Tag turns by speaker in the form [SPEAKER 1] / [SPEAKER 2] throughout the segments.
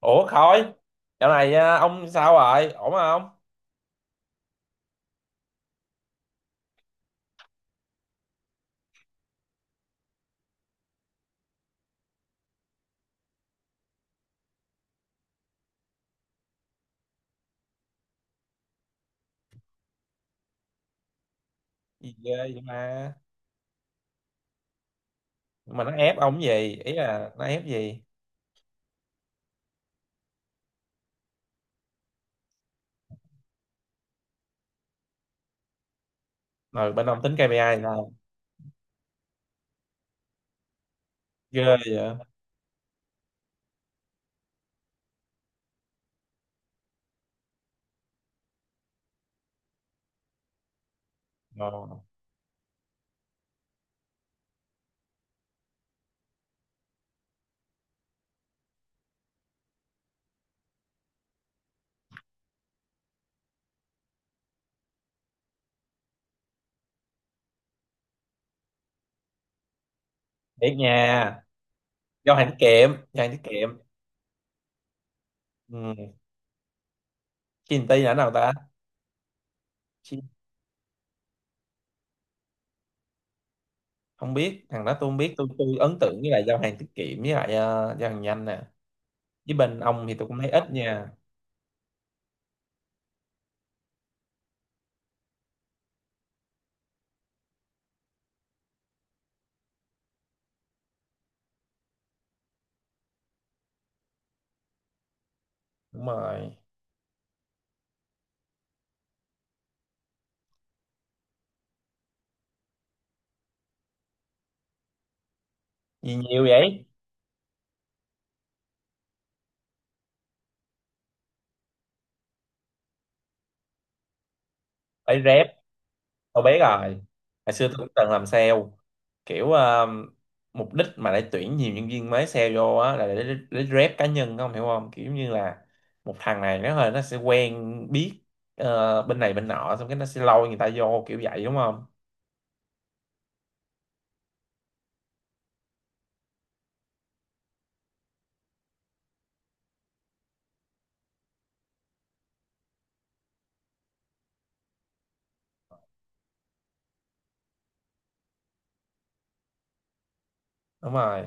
[SPEAKER 1] Ủa Khôi, dạo này ông sao rồi? Ổn không? Gì ghê vậy mà. Nhưng mà nó ép ông gì? Ý là nó ép gì? Rồi bên ông tính KPI thì sao? Ghê vậy. Ồ, thiệt nha. Giao hàng tiết kiệm, giao hàng tiết kiệm. Ừ. Chinty là nào ta? Chi- Không biết, thằng đó tôi không biết, tôi ấn tượng với lại giao hàng tiết kiệm với lại giao hàng nhanh nè. Với bên ông thì tôi cũng thấy ít nha. Đúng rồi. Gì nhiều vậy? Phải rep. Tôi biết rồi. Hồi xưa tôi cũng từng làm sale. Kiểu mục đích mà để tuyển nhiều nhân viên mới sale vô á là để rep cá nhân không hiểu không? Kiểu như là một thằng này nó hơi nó sẽ quen biết bên này bên nọ xong cái nó sẽ lôi người ta vô kiểu vậy đúng không? Đúng rồi.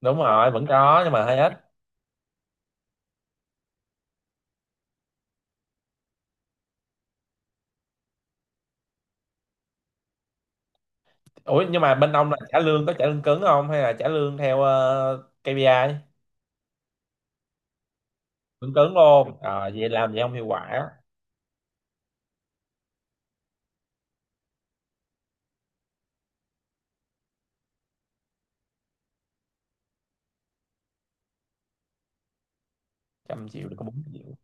[SPEAKER 1] Đúng rồi, vẫn có nhưng mà hơi ít. Ủa nhưng mà bên ông là trả lương có trả lương cứng không hay là trả lương theo KPI? Vẫn cứng luôn. Ờ vậy làm gì không hiệu quả. 100 triệu được có 4 triệu.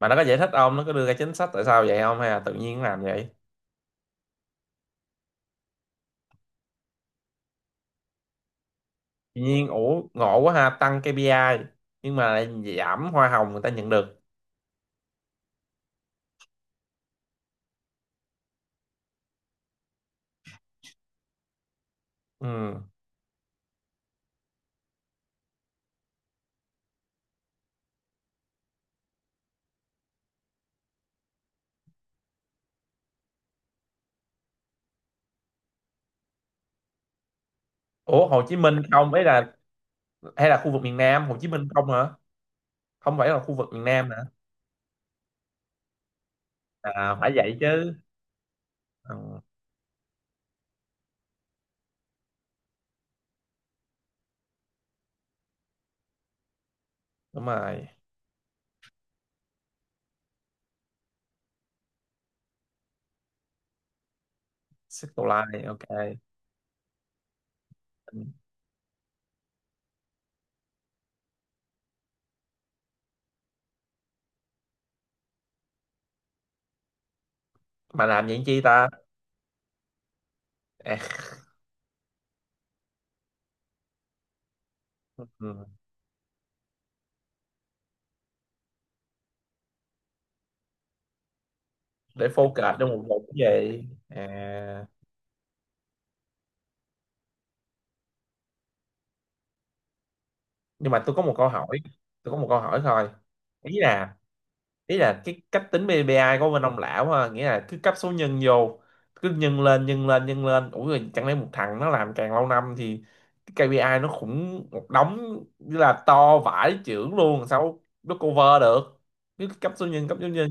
[SPEAKER 1] Mà nó có giải thích không, nó có đưa ra chính sách tại sao vậy không hay là tự nhiên làm vậy? Tự nhiên, ủa ngộ quá ha, tăng KPI nhưng mà lại giảm hoa hồng người ta nhận được. Ừ. Ủa Hồ Chí Minh không ấy là hay là khu vực miền Nam Hồ Chí Minh không hả? Không phải là khu vực miền Nam hả? À phải vậy chứ. Ừ, đúng rồi. Circle Line ok. Ừ. Mà làm vậy chi ta? À, ừ, để focus cho một vùng cái gì à? Nhưng mà tôi có một câu hỏi, tôi có một câu hỏi thôi. Ý là ý là cái cách tính PPI của bên ông lão ha, nghĩa là cứ cấp số nhân vô, cứ nhân lên ủa rồi chẳng lẽ một thằng nó làm càng lâu năm thì cái KPI nó khủng một đống như là to vãi chưởng luôn, sao nó cover được? Cứ cấp số nhân.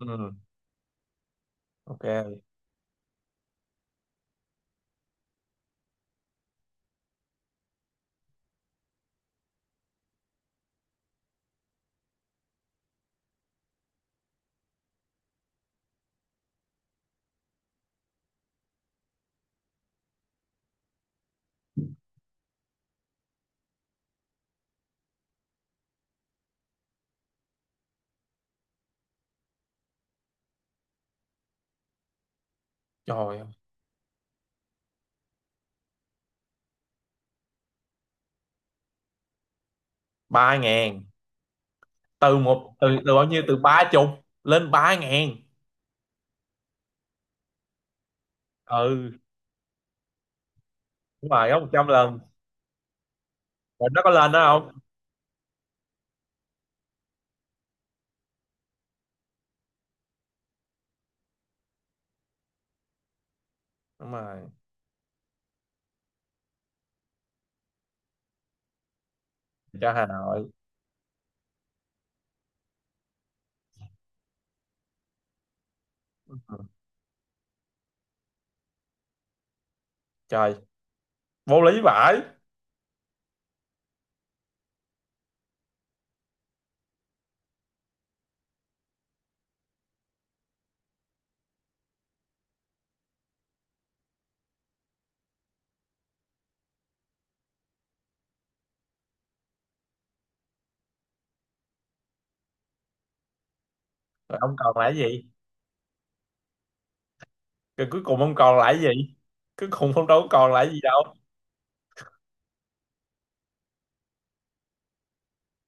[SPEAKER 1] Ừ, ok. Trời ơi. Ba ngàn. Từ bao nhiêu, từ ba chục lên ba ngàn. Ừ đúng rồi, gấp một trăm lần. Rồi nó có lên đó không? Đúng rồi, cho Hà Nội. Ừ, trời. Vô lý vãi. Rồi ông còn lại cái gì? Rồi cuối cùng ông còn lại cái gì? Cuối cùng ông đâu có còn lại gì đâu.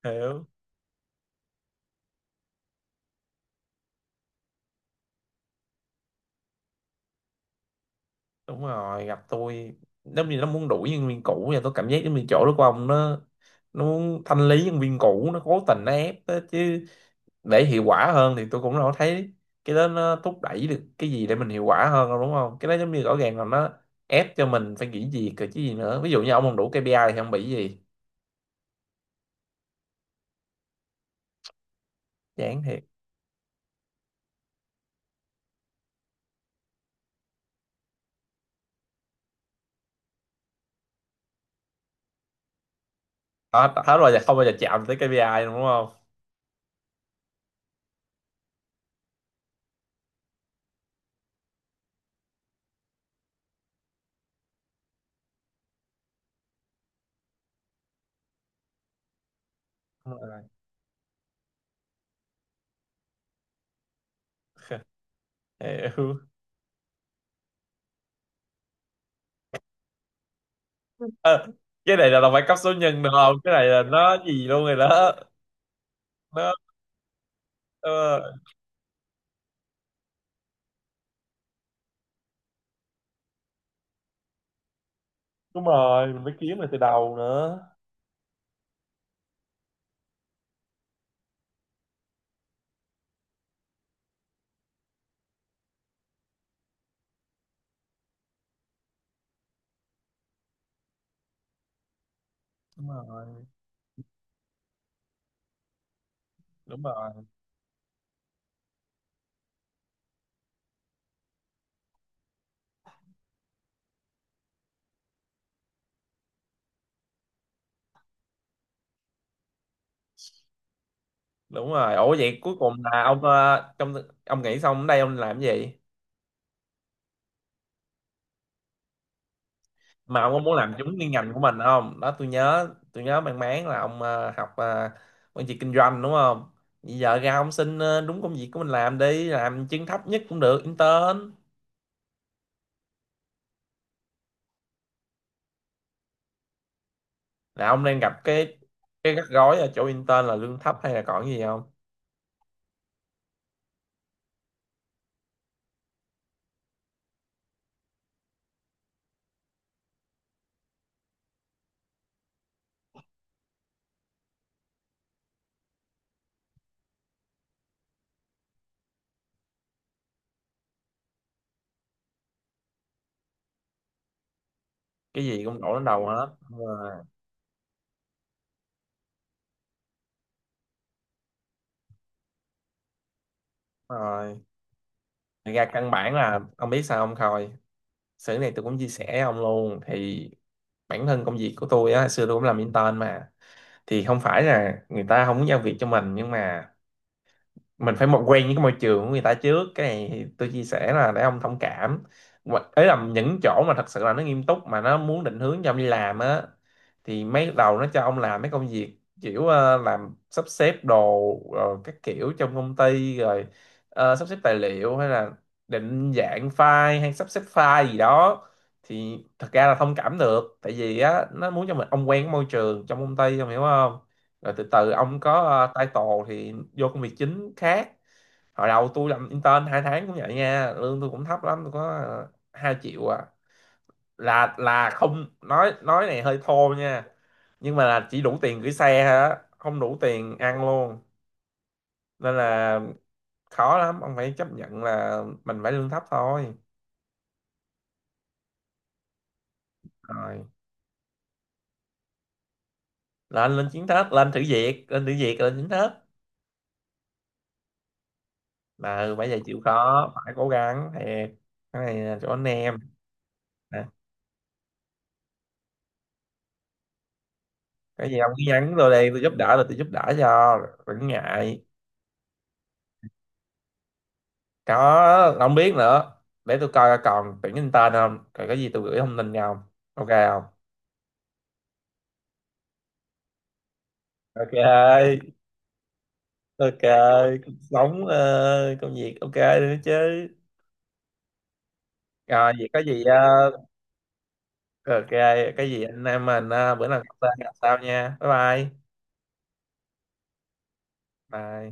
[SPEAKER 1] Hiểu. Đúng rồi gặp tôi, giống như nó muốn đuổi nhân viên cũ và tôi cảm giác giống như chỗ đó của ông nó muốn thanh lý nhân viên cũ, nó cố tình nó ép đó chứ. Để hiệu quả hơn thì tôi cũng đâu có thấy cái đó nó thúc đẩy được cái gì để mình hiệu quả hơn đâu, đúng không? Cái đó giống như rõ ràng là nó ép cho mình phải nghỉ việc rồi chứ gì nữa. Ví dụ như ông không đủ KPI thì không bị gì. Chán thiệt. Hết hết rồi, giờ không bao giờ chạm tới KPI đúng không? Đúng rồi. Hiểu. Ờ, cái này là đâu phải cấp số nhân được không, cái này là nó gì luôn rồi đó. Nó ờ, đúng rồi, mình phải kiếm lại từ đầu nữa. Đúng rồi. Đúng rồi. Đúng rồi. Ủa vậy cuối cùng là ông trong ông nghĩ xong ở đây ông làm cái gì? Mà ông có muốn làm trúng cái ngành của mình không? Đó tôi nhớ, tôi nhớ mang máng là ông học quản trị kinh doanh đúng không? Bây giờ ra ông xin đúng công việc của mình làm, đi làm chân thấp nhất cũng được, intern. Là ông đang gặp cái rắc rối ở chỗ intern là lương thấp hay là còn cái gì không? Cái gì cũng đổ đến đầu hết. Đúng rồi. Đúng rồi. Thật ra căn bản là ông biết sao không Khôi, sự này tôi cũng chia sẻ với ông luôn thì bản thân công việc của tôi á hồi xưa tôi cũng làm intern mà. Thì không phải là người ta không muốn giao việc cho mình nhưng mà mình phải một quen với cái môi trường của người ta trước, cái này tôi chia sẻ là để ông thông cảm. Mà- ấy là những chỗ mà thật sự là nó nghiêm túc mà nó muốn định hướng cho ông đi làm á, thì mấy đầu nó cho ông làm mấy công việc kiểu làm sắp xếp đồ rồi các kiểu trong công ty rồi sắp xếp tài liệu hay là định dạng file hay sắp xếp file gì đó. Thì thật ra là thông cảm được, tại vì á nó muốn cho mình ông quen cái môi trường trong công ty, ông hiểu không? Rồi từ từ ông có title thì vô công việc chính khác. Hồi đầu tôi làm intern 2 tháng cũng vậy nha, lương tôi cũng thấp lắm, tôi có 2 triệu à. Là không, nói này hơi thô nha, nhưng mà là chỉ đủ tiền gửi xe thôi á, không đủ tiền ăn luôn. Nên là khó lắm, ông phải chấp nhận là mình phải lương thấp thôi. Rồi lên, lên chiến thức lên thử việc lên thử việc lên chiến thức. Là bây giờ chịu khó phải cố gắng thiệt. Cái này là chỗ anh em. Cái gì ông cứ nhắn tôi đi, tôi giúp đỡ được tôi giúp đỡ cho, đừng ngại. Có không biết nữa, để tôi coi còn tuyển nhân tên không, còn cái gì tôi gửi thông tin nha ông. Ok không? Ok. Ok. Cuộc sống công việc ok nữa chứ? Rồi vậy có gì ok cái gì anh em mình bữa nào gặp lại gặp sau nha, bye bye. Bye.